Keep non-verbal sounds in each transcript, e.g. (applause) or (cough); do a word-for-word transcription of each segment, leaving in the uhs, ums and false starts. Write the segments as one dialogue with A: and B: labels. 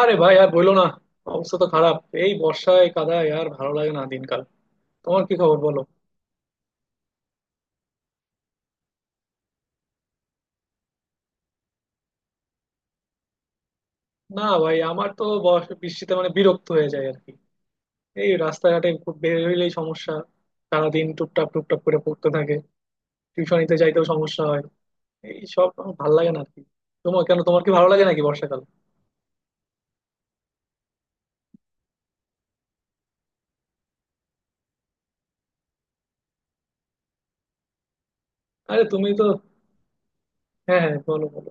A: আরে ভাই, আর বইলো না। অবস্থা তো খারাপ। এই বর্ষায় কাদায় আর ভালো লাগে না দিনকাল। তোমার কি খবর বলো? না ভাই, আমার তো বর্ষ- বৃষ্টিতে মানে বিরক্ত হয়ে যায় আর কি। এই রাস্তাঘাটে খুব বের হইলেই সমস্যা। সারাদিন টুপটাপ টুপটাপ করে পড়তে থাকে। টিউশনিতে যাইতেও সমস্যা হয়। এই সব আমার ভালো লাগে না আর কি। তোমার কেন, তোমার কি ভালো লাগে নাকি বর্ষাকাল? আরে তুমি তো। হ্যাঁ হ্যাঁ, বলো বলো।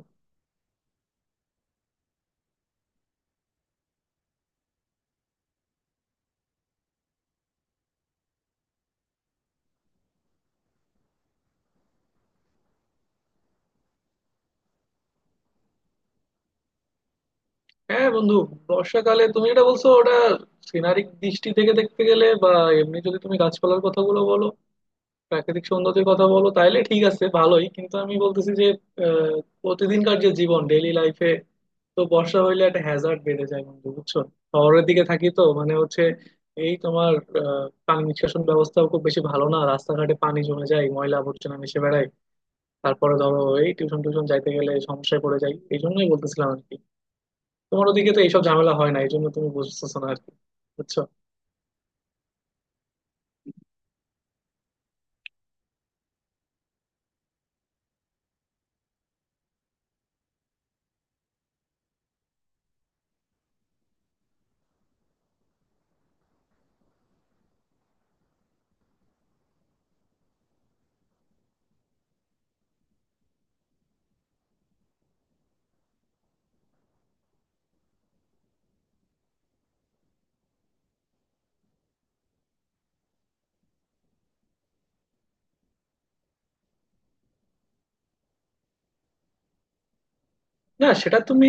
A: হ্যাঁ বন্ধু, বর্ষাকালে তুমি যেটা বলছো ওটা সিনারিক দৃষ্টি থেকে দেখতে গেলে, বা এমনি যদি তুমি গাছপালার কথাগুলো বলো, প্রাকৃতিক সৌন্দর্যের কথা বলো, তাইলে ঠিক আছে ভালোই। কিন্তু আমি বলতেছি যে আহ, প্রতিদিনকার যে জীবন, ডেইলি লাইফে, তো বর্ষা হইলে একটা হ্যাজার্ড বেড়ে যায় বন্ধু, বুঝছো? শহরের দিকে থাকি তো, মানে হচ্ছে, এই তোমার আহ, পানি নিষ্কাশন ব্যবস্থাও খুব বেশি ভালো না, রাস্তাঘাটে পানি জমে যায়, ময়লা আবর্জনা মিশে বেড়ায়। তারপরে ধরো এই টিউশন টিউশন যাইতে গেলে সমস্যায় পড়ে যাই, এই জন্যই বলতেছিলাম আর কি। তোমার ওদিকে তো এইসব ঝামেলা হয় না, এই জন্য তুমি বুঝতেছো না আর কি। বুঝছো? না, সেটা তুমি,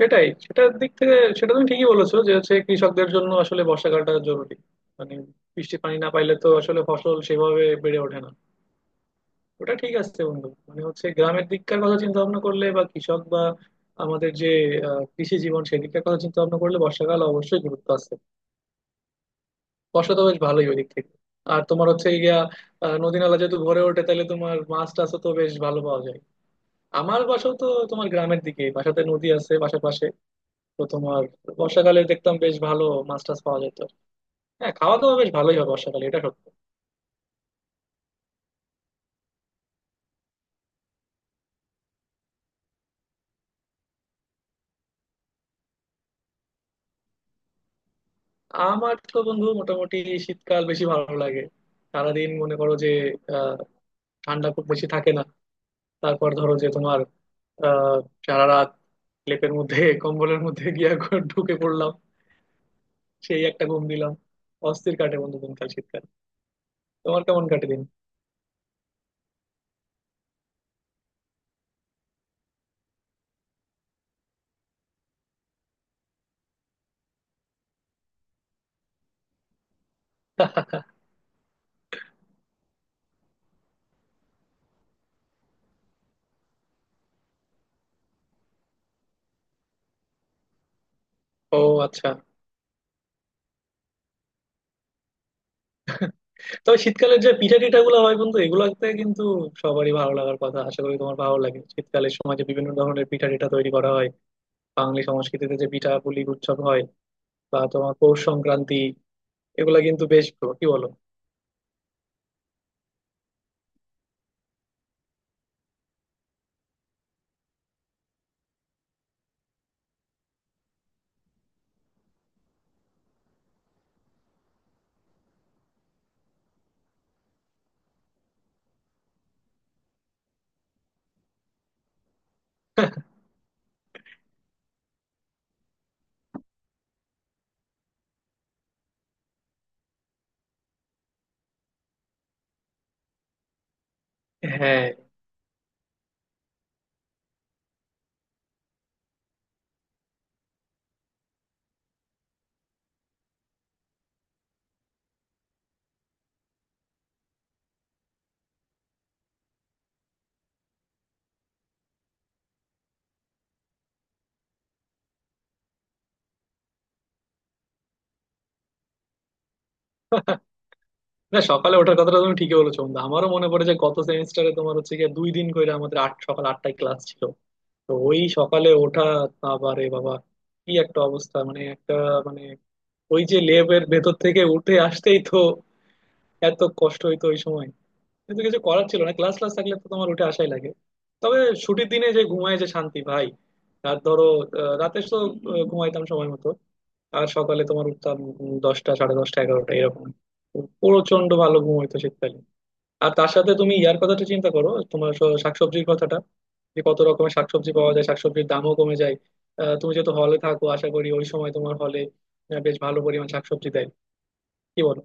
A: সেটাই, সেটার দিক থেকে সেটা তুমি ঠিকই বলেছো যে হচ্ছে কৃষকদের জন্য আসলে বর্ষাকালটা জরুরি। মানে, বৃষ্টির পানি না পাইলে তো আসলে ফসল সেভাবে বেড়ে ওঠে না। ওটা ঠিক আছে বন্ধু, মানে হচ্ছে গ্রামের দিককার কথা চিন্তা ভাবনা করলে বা কৃষক বা আমাদের যে আহ, কৃষি জীবন, সেদিককার কথা চিন্তা ভাবনা করলে বর্ষাকাল অবশ্যই গুরুত্ব আছে। বর্ষা তো বেশ ভালোই ওই দিক থেকে। আর তোমার হচ্ছে গিয়া আহ, নদী নালা যেহেতু ভরে ওঠে, তাহলে তোমার মাছ টাছও তো বেশ ভালো পাওয়া যায়। আমার বাসাও তো, তোমার গ্রামের দিকে বাসাতে নদী আছে পাশাপাশি। তো তোমার বর্ষাকালে দেখতাম বেশ ভালো মাছ টাছ পাওয়া যেত। হ্যাঁ, খাওয়া দাওয়া বেশ ভালোই হয় বর্ষাকালে, এটা সত্য। আমার তো বন্ধু মোটামুটি শীতকাল বেশি ভালো লাগে। সারাদিন মনে করো যে আহ ঠান্ডা খুব বেশি থাকে না। তারপর ধরো যে তোমার আহ সারা রাত লেপের মধ্যে (laughs) কম্বলের মধ্যে গিয়া ঘ- ঢুকে পড়লাম, সেই একটা ঘুম দিলাম। অস্থির কাটে বন্ধু দিনকাল, শীতকাল। তোমার কেমন কাটে দিন? (laughs) ও, আচ্ছা। তবে শীতকালের যে পিঠা টিঠা গুলো হয় বন্ধু, এগুলোতে কিন্তু সবারই ভালো লাগার কথা। আশা করি তোমার ভালো লাগে শীতকালের সময় যে বিভিন্ন ধরনের পিঠা টিঠা তৈরি করা হয়, বাঙালি সংস্কৃতিতে যে পিঠা পুলি উৎসব হয় বা তোমার পৌষ সংক্রান্তি, এগুলা কিন্তু বেশ ভালো। কি বলো? হ্যাঁ। না, সকালে ওঠার কথাটা তুমি ঠিকই বলেছো বন্ধু। আমারও মনে পড়ে যে গত সেমিস্টারে তোমার হচ্ছে গিয়ে দুই দিন করে আমাদের আট সকাল আটটায় ক্লাস ছিল। তো ওই সকালে ওঠা, বাবারে বাবা, কি একটা অবস্থা, মানে একটা, মানে ওই যে লেবের ভেতর থেকে উঠে আসতেই তো এত কষ্ট হইতো ওই সময়। কিন্তু কিছু করার ছিল না, ক্লাস ক্লাস থাকলে তো তোমার উঠে আসাই লাগে। তবে ছুটির দিনে যে ঘুমায়, যে শান্তি ভাই! আর ধরো আহ, রাতে তো আহ, ঘুমাইতাম সময় মতো, আর সকালে তোমার উঠতাম উম, দশটা, সাড়ে দশটা, এগারোটা এরকম। প্রচন্ড ভালো ঘুম হইতো শীতকালে। আর তার সাথে তুমি ইয়ার কথাটা চিন্তা করো, তোমার স- শাকসবজির কথাটা, যে কত রকমের শাকসবজি পাওয়া যায়, শাকসবজির দামও কমে যায়। আহ, তুমি যেহেতু হলে থাকো, আশা করি ওই সময় তোমার হলে বেশ ভালো পরিমাণ শাকসবজি দেয়। কি বলো?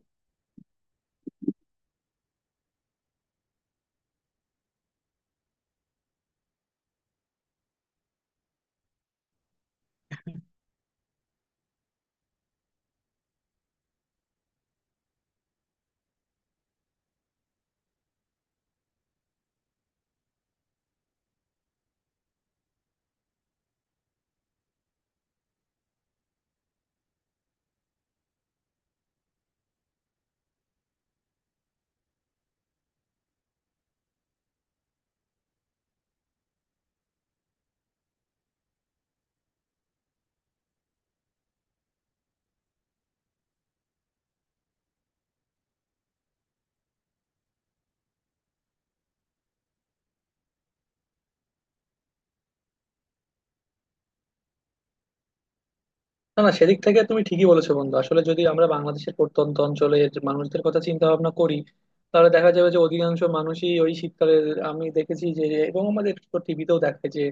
A: না না, সেদিক থেকে তুমি ঠিকই বলেছো বন্ধু। আসলে যদি আমরা বাংলাদেশের প্রত্যন্ত অঞ্চলের যে মানুষদের কথা চিন্তা ভাবনা করি, তাহলে দেখা যাবে যে অধিকাংশ মানুষই ওই শীতকালে, আমি দেখেছি যে, এবং আমাদের তো টিভিতেও দেখায় যে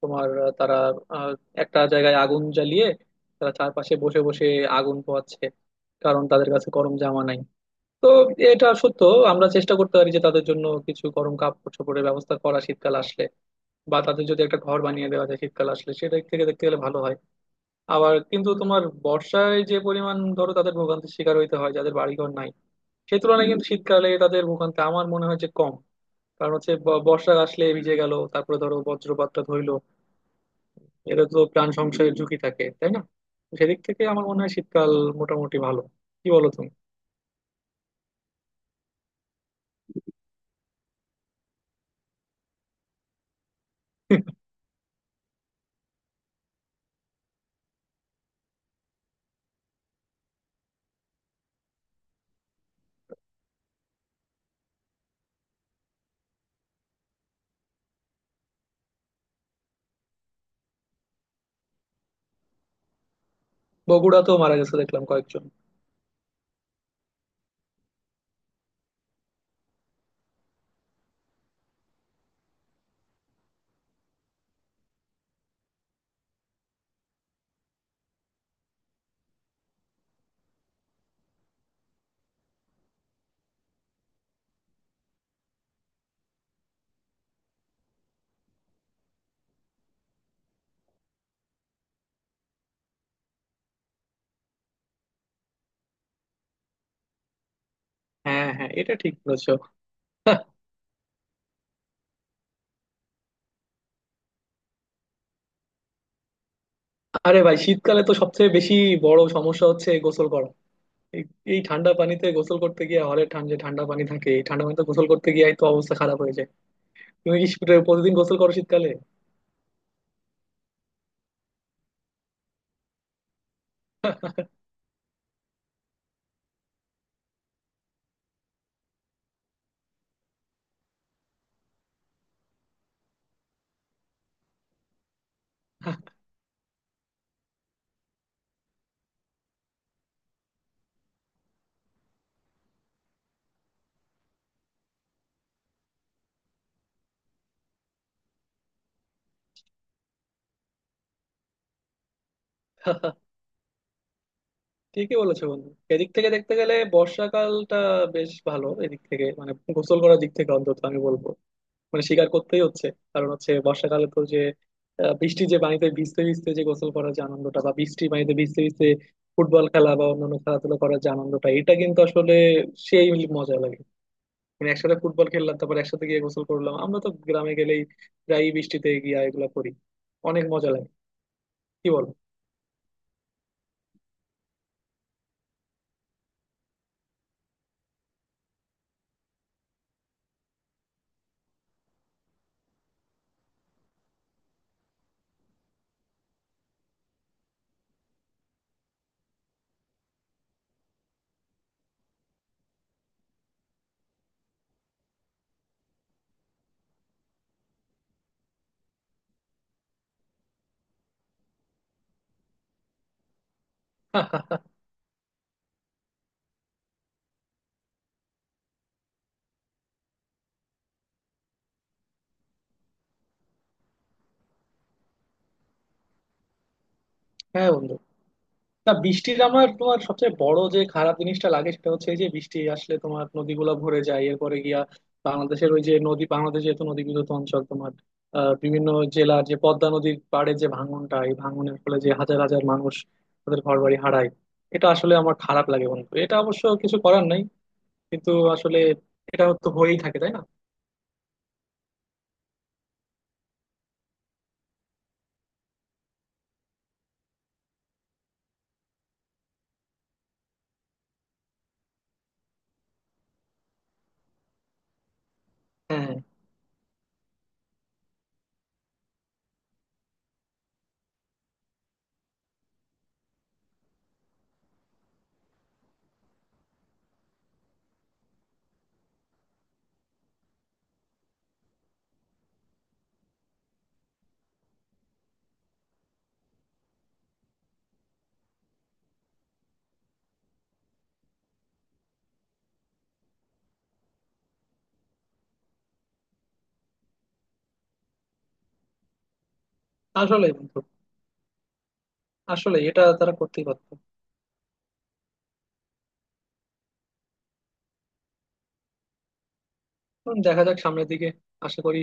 A: তোমার আহ, তারা আহ, একটা জায়গায় আগুন জ্বালিয়ে তারা চারপাশে বসে বসে আগুন পোহাচ্ছে, কারণ তাদের কাছে গরম জামা নাই। তো এটা সত্য। আমরা চেষ্টা করতে পারি যে তাদের জন্য কিছু গরম কাপড় চোপড়ের ব্যবস্থা করা শীতকাল আসলে, বা তাদের যদি একটা ঘর বানিয়ে দেওয়া যায় শীতকাল আসলে, সেটা থেকে দেখতে গেলে ভালো হয়। আবার কিন্তু তোমার বর্ষায় যে পরিমাণ ধরো তাদের ভোগান্তির শিকার হইতে হয় যাদের বাড়িঘর নাই, সে তুলনায় কিন্তু শীতকালে তাদের ভোগান্তি আমার মনে হয় যে কম। কারণ হচ্ছে ব- বর্ষা আসলে ভিজে গেল, তারপরে ধরো বজ্রপাতটা ধইলো, এটা তো প্রাণ সংশয়ের ঝুঁকি থাকে, তাই না? তো সেদিক থেকে আমার মনে হয় শীতকাল মোটামুটি ভালো। কি বলো তুমি? (laughs) বগুড়াতেও মারা গেছে দেখলাম কয়েকজন। হ্যাঁ হ্যাঁ, এটা ঠিক বলেছো। (laughs) আরে ভাই, শীতকালে তো সবচেয়ে বেশি বড় সমস্যা হচ্ছে গোসল করা। এই, এই ঠান্ডা পানিতে গোসল করতে গিয়ে, হলে ঠান্ডা, যে ঠান্ডা পানি থাকে, এই ঠান্ডা পানিতে গোসল করতে গিয়ে তো অবস্থা খারাপ হয়ে যায়। তুমি কি শীত- প্রতিদিন গোসল করো শীতকালে? (laughs) ঠিকই বলেছো বন্ধু। এদিক থেকে দেখতে গেলে বর্ষাকালটা বেশ ভালো এদিক থেকে, মানে গোসল করার দিক থেকে, অন্তত আমি বলবো। মানে স্বীকার করতেই হচ্ছে। কারণ হচ্ছে বর্ষাকালে তো যে আহ, বৃষ্টির যে পানিতে ভিজতে ভিজতে যে গোসল করার যে আনন্দটা, বা বৃষ্টির পানিতে ভিজতে ভিজতে ফুটবল খেলা বা অন্যান্য খেলাধুলা করার যে আনন্দটা, এটা কিন্তু আসলে সেই মজা লাগে। মানে একসাথে ফুটবল খেললাম, তারপর একসাথে গিয়ে গোসল করলাম, আমরা তো গ্রামে গেলেই প্রায়ই বৃষ্টিতে গিয়া এগুলা করি। অনেক মজা লাগে। কি বল? (laughs) হ্যাঁ বন্ধু। না, বৃষ্টির আমার তোমার সবচেয়ে বড় যে খারাপ জিনিসটা লাগে সেটা হচ্ছে এই যে বৃষ্টি আসলে তোমার নদীগুলা ভরে যায়, এরপরে গিয়া বাংলাদেশের ওই যে নদী, বাংলাদেশ যেহেতু নদী বিদ্যুৎ অঞ্চল, তোমার আহ, বিভিন্ন জেলার যে পদ্মা নদীর পাড়ে যে ভাঙনটা, এই ভাঙনের ফলে যে হাজার হাজার মানুষ তাদের ঘর বাড়ি হারায়, এটা আসলে আমার খারাপ লাগে বন্ধু। এটা অবশ্য কিছু করার নাই, কিন্তু আসলে এটা তো হয়েই থাকে, তাই না? হ্যাঁ, আসলেই বন্ধু, আসলে এটা তারা করতেই পারতো। এখন দেখা যাক সামনের দিকে, আশা করি।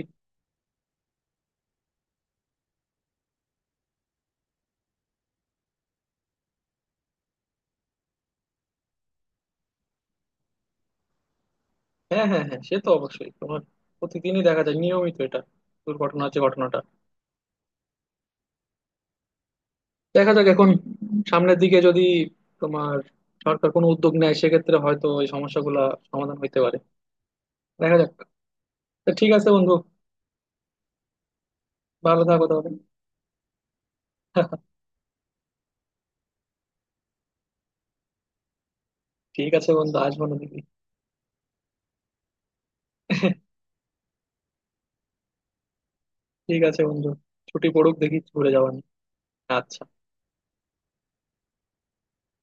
A: হ্যাঁ হ্যাঁ হ্যাঁ, সে তো অবশ্যই তোমার প্রতিদিনই দেখা যায় নিয়মিত এটা, দুর্ঘটনার যে ঘটনাটা। দেখা যাক এখন, সামনের দিকে যদি তোমার সরকার কোনো উদ্যোগ নেয়, সেক্ষেত্রে হয়তো এই সমস্যাগুলা সমাধান হইতে পারে। দেখা যাক। তো ঠিক আছে বন্ধু, ভালো থাকো তাহলে। (laughs) ঠিক আছে বন্ধু, আসবো না দেখি। (laughs) ঠিক আছে বন্ধু, ছুটি পড়ুক, দেখি ঘুরে যাওয়া নিয়ে। আচ্ছা।